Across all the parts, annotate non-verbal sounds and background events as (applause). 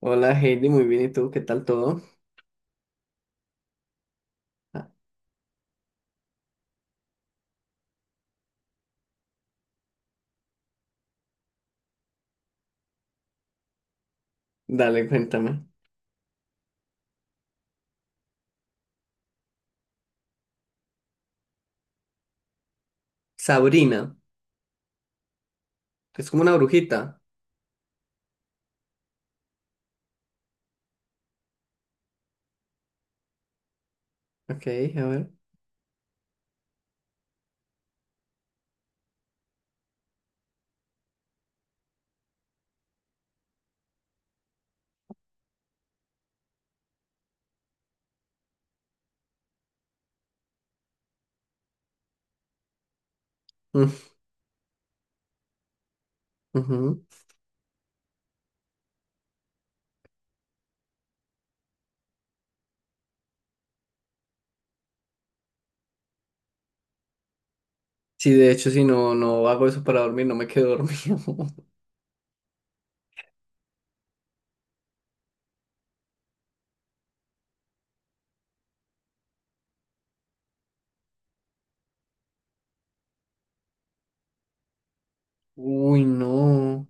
Hola Heidi, muy bien. ¿Y tú? ¿Qué tal todo? Ah, dale, cuéntame. Sabrina, es como una brujita. Ok, a ver. Mm, ujú. Sí, de hecho, si no, no hago eso para dormir, no me quedo dormido. (laughs) Uy, no.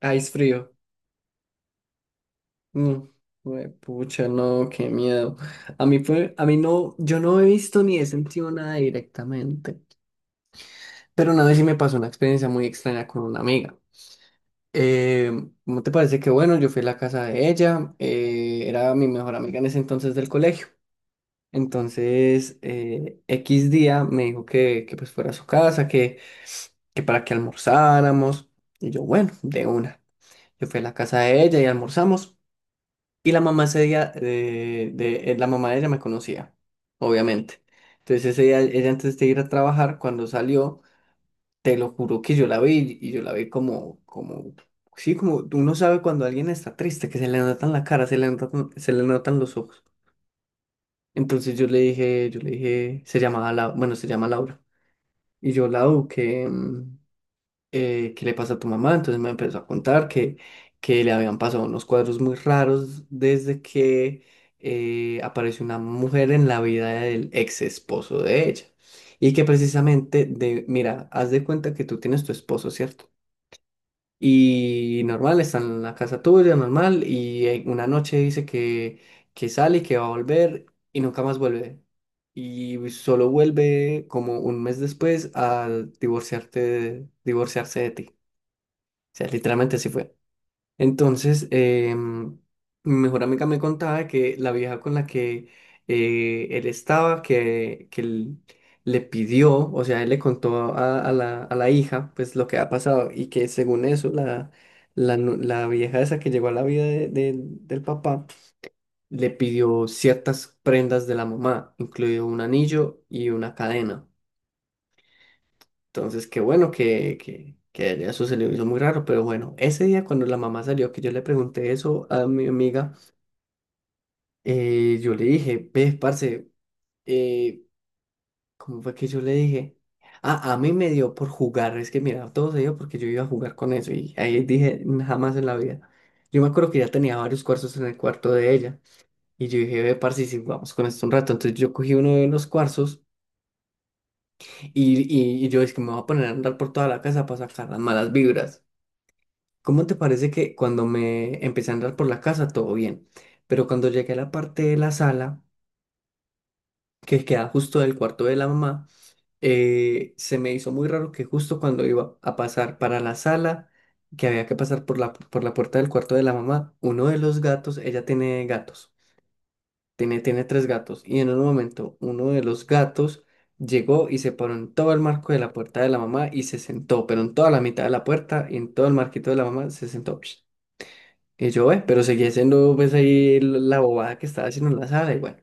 Ah, es frío. Mm, güey, pucha, no, qué miedo. A mí no, yo no he visto ni he sentido nada directamente. Pero una vez sí me pasó una experiencia muy extraña con una amiga. Eh, ¿Cómo te parece que bueno? Yo fui a la casa de ella, era mi mejor amiga en ese entonces del colegio. Entonces, X día me dijo que pues fuera a su casa, que para que almorzáramos. Y yo, bueno, de una. Yo fui a la casa de ella y almorzamos. Y la mamá ese día, la mamá de ella me conocía, obviamente. Entonces ese día, ella antes de ir a trabajar, cuando salió, te lo juro que yo la vi y yo la vi como, sí, como uno sabe cuando alguien está triste, que se le notan la cara, se le notan los ojos. Entonces yo le dije, se llamaba la bueno, se llama Laura. Y yo, Lau, que, ¿qué le pasa a tu mamá? Entonces me empezó a contar que le habían pasado unos cuadros muy raros desde que apareció una mujer en la vida del ex esposo de ella. Y que precisamente, mira, haz de cuenta que tú tienes tu esposo, ¿cierto? Y normal, está en la casa tuya, normal, y una noche dice que sale y que va a volver y nunca más vuelve. Y solo vuelve como un mes después a divorciarse de ti. O sea, literalmente así fue. Entonces, em, mi mejor amiga me contaba que la vieja con la que él estaba, que él le pidió, o sea, él le contó a la hija, pues lo que ha pasado, y que según eso, la vieja esa que llegó a la vida del papá, le pidió ciertas prendas de la mamá, incluido un anillo y una cadena. Entonces, qué bueno que eso se le hizo muy raro, pero bueno, ese día cuando la mamá salió, que yo le pregunté eso a mi amiga, yo le dije, ve, parce, eh, ¿cómo fue que yo le dije? Ah, a mí me dio por jugar, es que mira, todo se dio porque yo iba a jugar con eso y ahí dije, jamás en la vida. Yo me acuerdo que ya tenía varios cuarzos en el cuarto de ella y yo dije, ve, parce, si jugamos con esto un rato, entonces yo cogí uno de los cuarzos y, y yo es que me voy a poner a andar por toda la casa para sacar las malas vibras. ¿Cómo te parece que cuando me empecé a andar por la casa todo bien? Pero cuando llegué a la parte de la sala, que queda justo del cuarto de la mamá, se me hizo muy raro que justo cuando iba a pasar para la sala, que había que pasar por la puerta del cuarto de la mamá, uno de los gatos, ella tiene gatos, tiene tres gatos, y en un momento uno de los gatos llegó y se paró en todo el marco de la puerta de la mamá y se sentó, pero en toda la mitad de la puerta y en todo el marquito de la mamá se sentó. Y yo, pero seguía siendo pues ahí la bobada que estaba haciendo en la sala. Y bueno,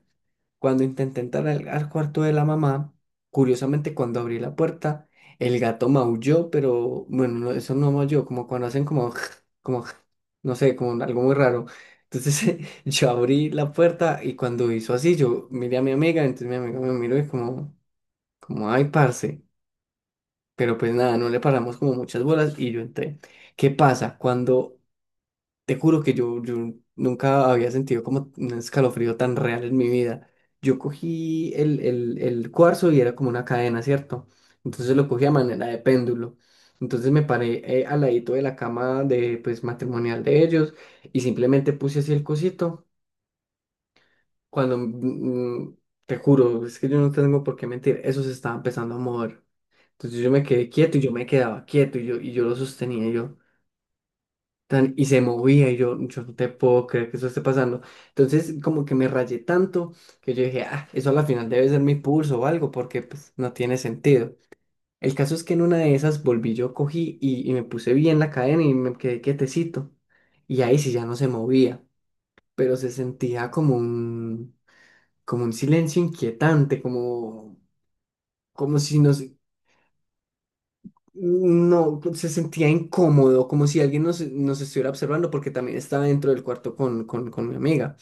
cuando intenté entrar al cuarto de la mamá, curiosamente cuando abrí la puerta, el gato maulló, pero bueno, no, eso no maulló, como cuando hacen como, (laughs) como, (laughs) no sé, como algo muy raro. Entonces (laughs) yo abrí la puerta y cuando hizo así, yo miré a mi amiga, entonces mi amiga me miró y como, ay, parce. Pero pues nada, no le paramos como muchas bolas y yo entré. ¿Qué pasa? Cuando te juro que yo nunca había sentido como un escalofrío tan real en mi vida. Yo cogí el cuarzo y era como una cadena, ¿cierto? Entonces lo cogí a manera de péndulo. Entonces me paré al ladito de la cama pues matrimonial de ellos y simplemente puse así el cosito. Cuando, te juro, es que yo no tengo por qué mentir, eso se estaba empezando a mover. Entonces yo me quedé quieto y yo me quedaba quieto y yo lo sostenía y se movía y yo no te puedo creer que eso esté pasando. Entonces como que me rayé tanto que yo dije, ah, eso a la final debe ser mi pulso o algo porque pues no tiene sentido. El caso es que en una de esas volví yo, cogí y me puse bien la cadena y me quedé quietecito. Y ahí sí ya no se movía, pero se sentía como un silencio inquietante, como si nos. No, pues, se sentía incómodo, como si alguien nos estuviera observando, porque también estaba dentro del cuarto con mi amiga.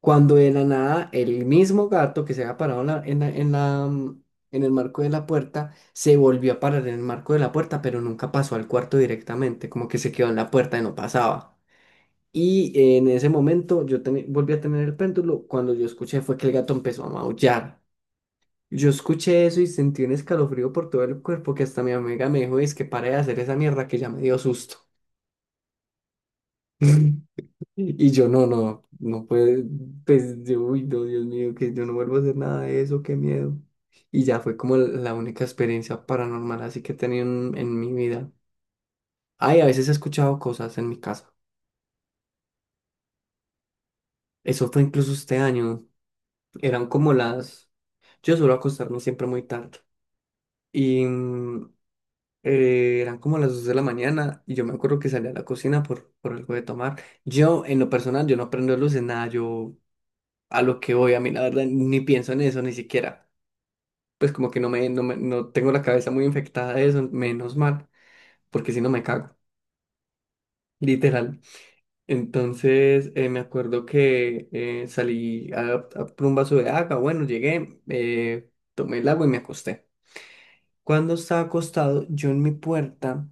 Cuando de la nada el mismo gato que se había parado en el marco de la puerta se volvió a parar en el marco de la puerta, pero nunca pasó al cuarto directamente, como que se quedó en la puerta y no pasaba. Y en ese momento yo volví a tener el péndulo. Cuando yo escuché fue que el gato empezó a maullar. Yo escuché eso y sentí un escalofrío por todo el cuerpo que hasta mi amiga me dijo, es que pare de hacer esa mierda que ya me dio susto. (laughs) Sí. Y yo, no, no, no puede, pues yo, uy, no, Dios mío, que yo no vuelvo a hacer nada de eso, qué miedo. Y ya fue como la única experiencia paranormal así que he tenido en mi vida. Ay, a veces he escuchado cosas en mi casa. Eso fue incluso este año. Eran como las. Yo suelo acostarme siempre muy tarde. Y eran como las 2 de la mañana y yo me acuerdo que salí a la cocina por algo de tomar. Yo, en lo personal, yo no prendo luces, nada, yo a lo que voy, a mí la verdad ni pienso en eso, ni siquiera. Pues como que no tengo la cabeza muy infectada de eso, menos mal, porque si no me cago, literal. Entonces me acuerdo que salí a por un vaso de agua, bueno, llegué, tomé el agua y me acosté. Cuando estaba acostado, yo en mi puerta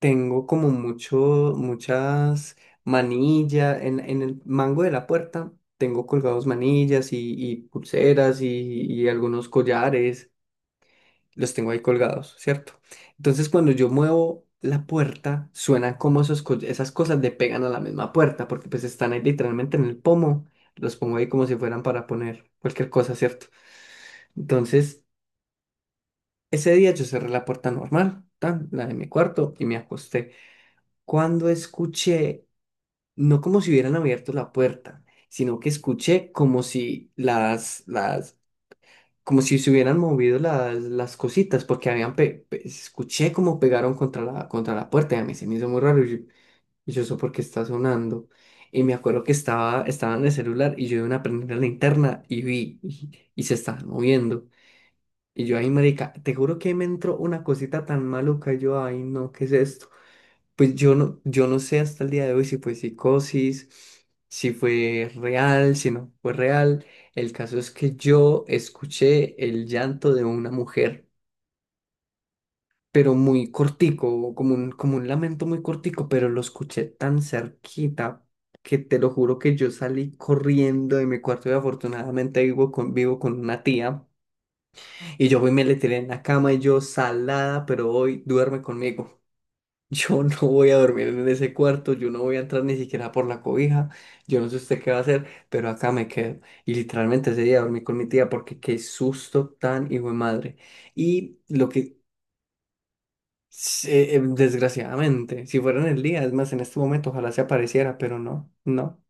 tengo como muchas manillas, en el mango de la puerta tengo colgados manillas y pulseras y algunos collares. Los tengo ahí colgados, ¿cierto? Entonces cuando yo muevo la puerta, suenan como esos esas cosas le pegan a la misma puerta, porque pues están ahí literalmente en el pomo, los pongo ahí como si fueran para poner cualquier cosa, ¿cierto? Entonces, ese día yo cerré la puerta normal, tan, la de mi cuarto, y me acosté. Cuando escuché, no como si hubieran abierto la puerta, sino que escuché como si las, las como si se hubieran movido las cositas, porque escuché como pegaron contra la puerta y a mí se me hizo muy raro. Y yo, ¿eso por qué está sonando? Y me acuerdo que estaba en el celular y yo de una prendí la linterna y vi y se estaban moviendo. Y yo, ay, marica, te juro que me entró una cosita tan maluca. Yo, ay, no, ¿qué es esto? Pues yo no sé hasta el día de hoy si fue psicosis, si fue real, si no fue real. El caso es que yo escuché el llanto de una mujer, pero muy cortico, como un lamento muy cortico, pero lo escuché tan cerquita que te lo juro que yo salí corriendo de mi cuarto y afortunadamente vivo con una tía y yo fui y me le tiré en la cama y yo salada, pero hoy duerme conmigo. Yo no voy a dormir en ese cuarto, yo no voy a entrar ni siquiera por la cobija, yo no sé usted qué va a hacer, pero acá me quedo. Y literalmente ese día dormí con mi tía porque qué susto tan hijo de madre. Y lo que, Desgraciadamente, si fuera en el día, es más, en este momento ojalá se apareciera, pero no, no,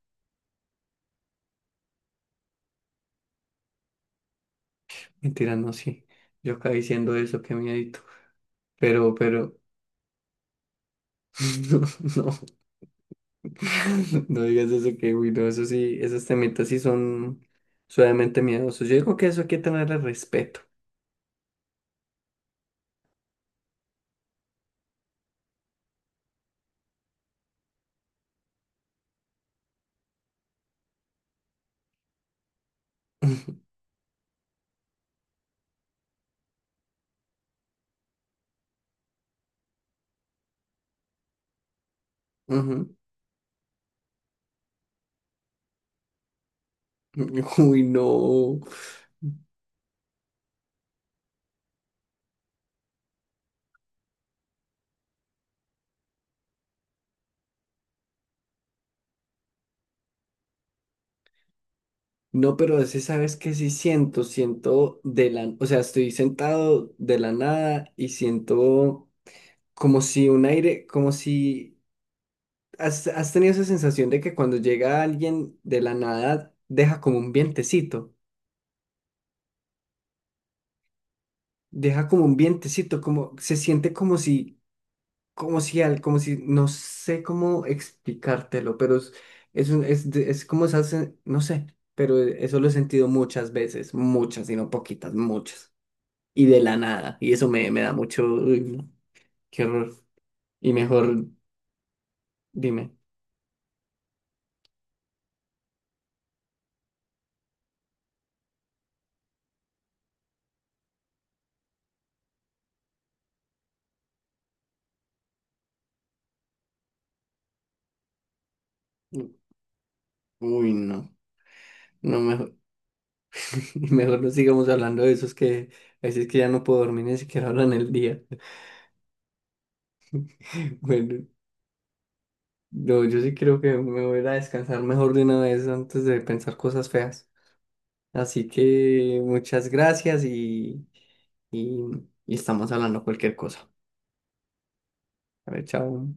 mentira, no, sí. Yo acá diciendo eso, qué miedito, pero, (laughs) no, no. (laughs) No digas eso que, uy, no, eso sí, esos temitas sí son suavemente miedosos. Yo digo que eso hay que tenerle respeto. (laughs) Ujú. Uy, no. No, pero ese sabes que sí siento, o sea, estoy sentado de la nada y siento como si un aire, como si has tenido esa sensación de que cuando llega alguien de la nada deja como un vientecito, deja como un vientecito, como se siente como si como si, no sé cómo explicártelo, pero es, un- es, de- es como no sé, pero eso lo he sentido muchas veces, muchas, y no poquitas, muchas, y de la nada, y eso me da mucho, uy, no, qué horror, y mejor, dime, uy, no, no, mejor, (laughs) mejor no sigamos hablando de esos que, a veces que ya no puedo dormir ni siquiera ahora en el día, (laughs) bueno, no, yo sí creo que me voy a ir a descansar mejor de una vez antes de pensar cosas feas. Así que muchas gracias y estamos hablando cualquier cosa. A ver, chao.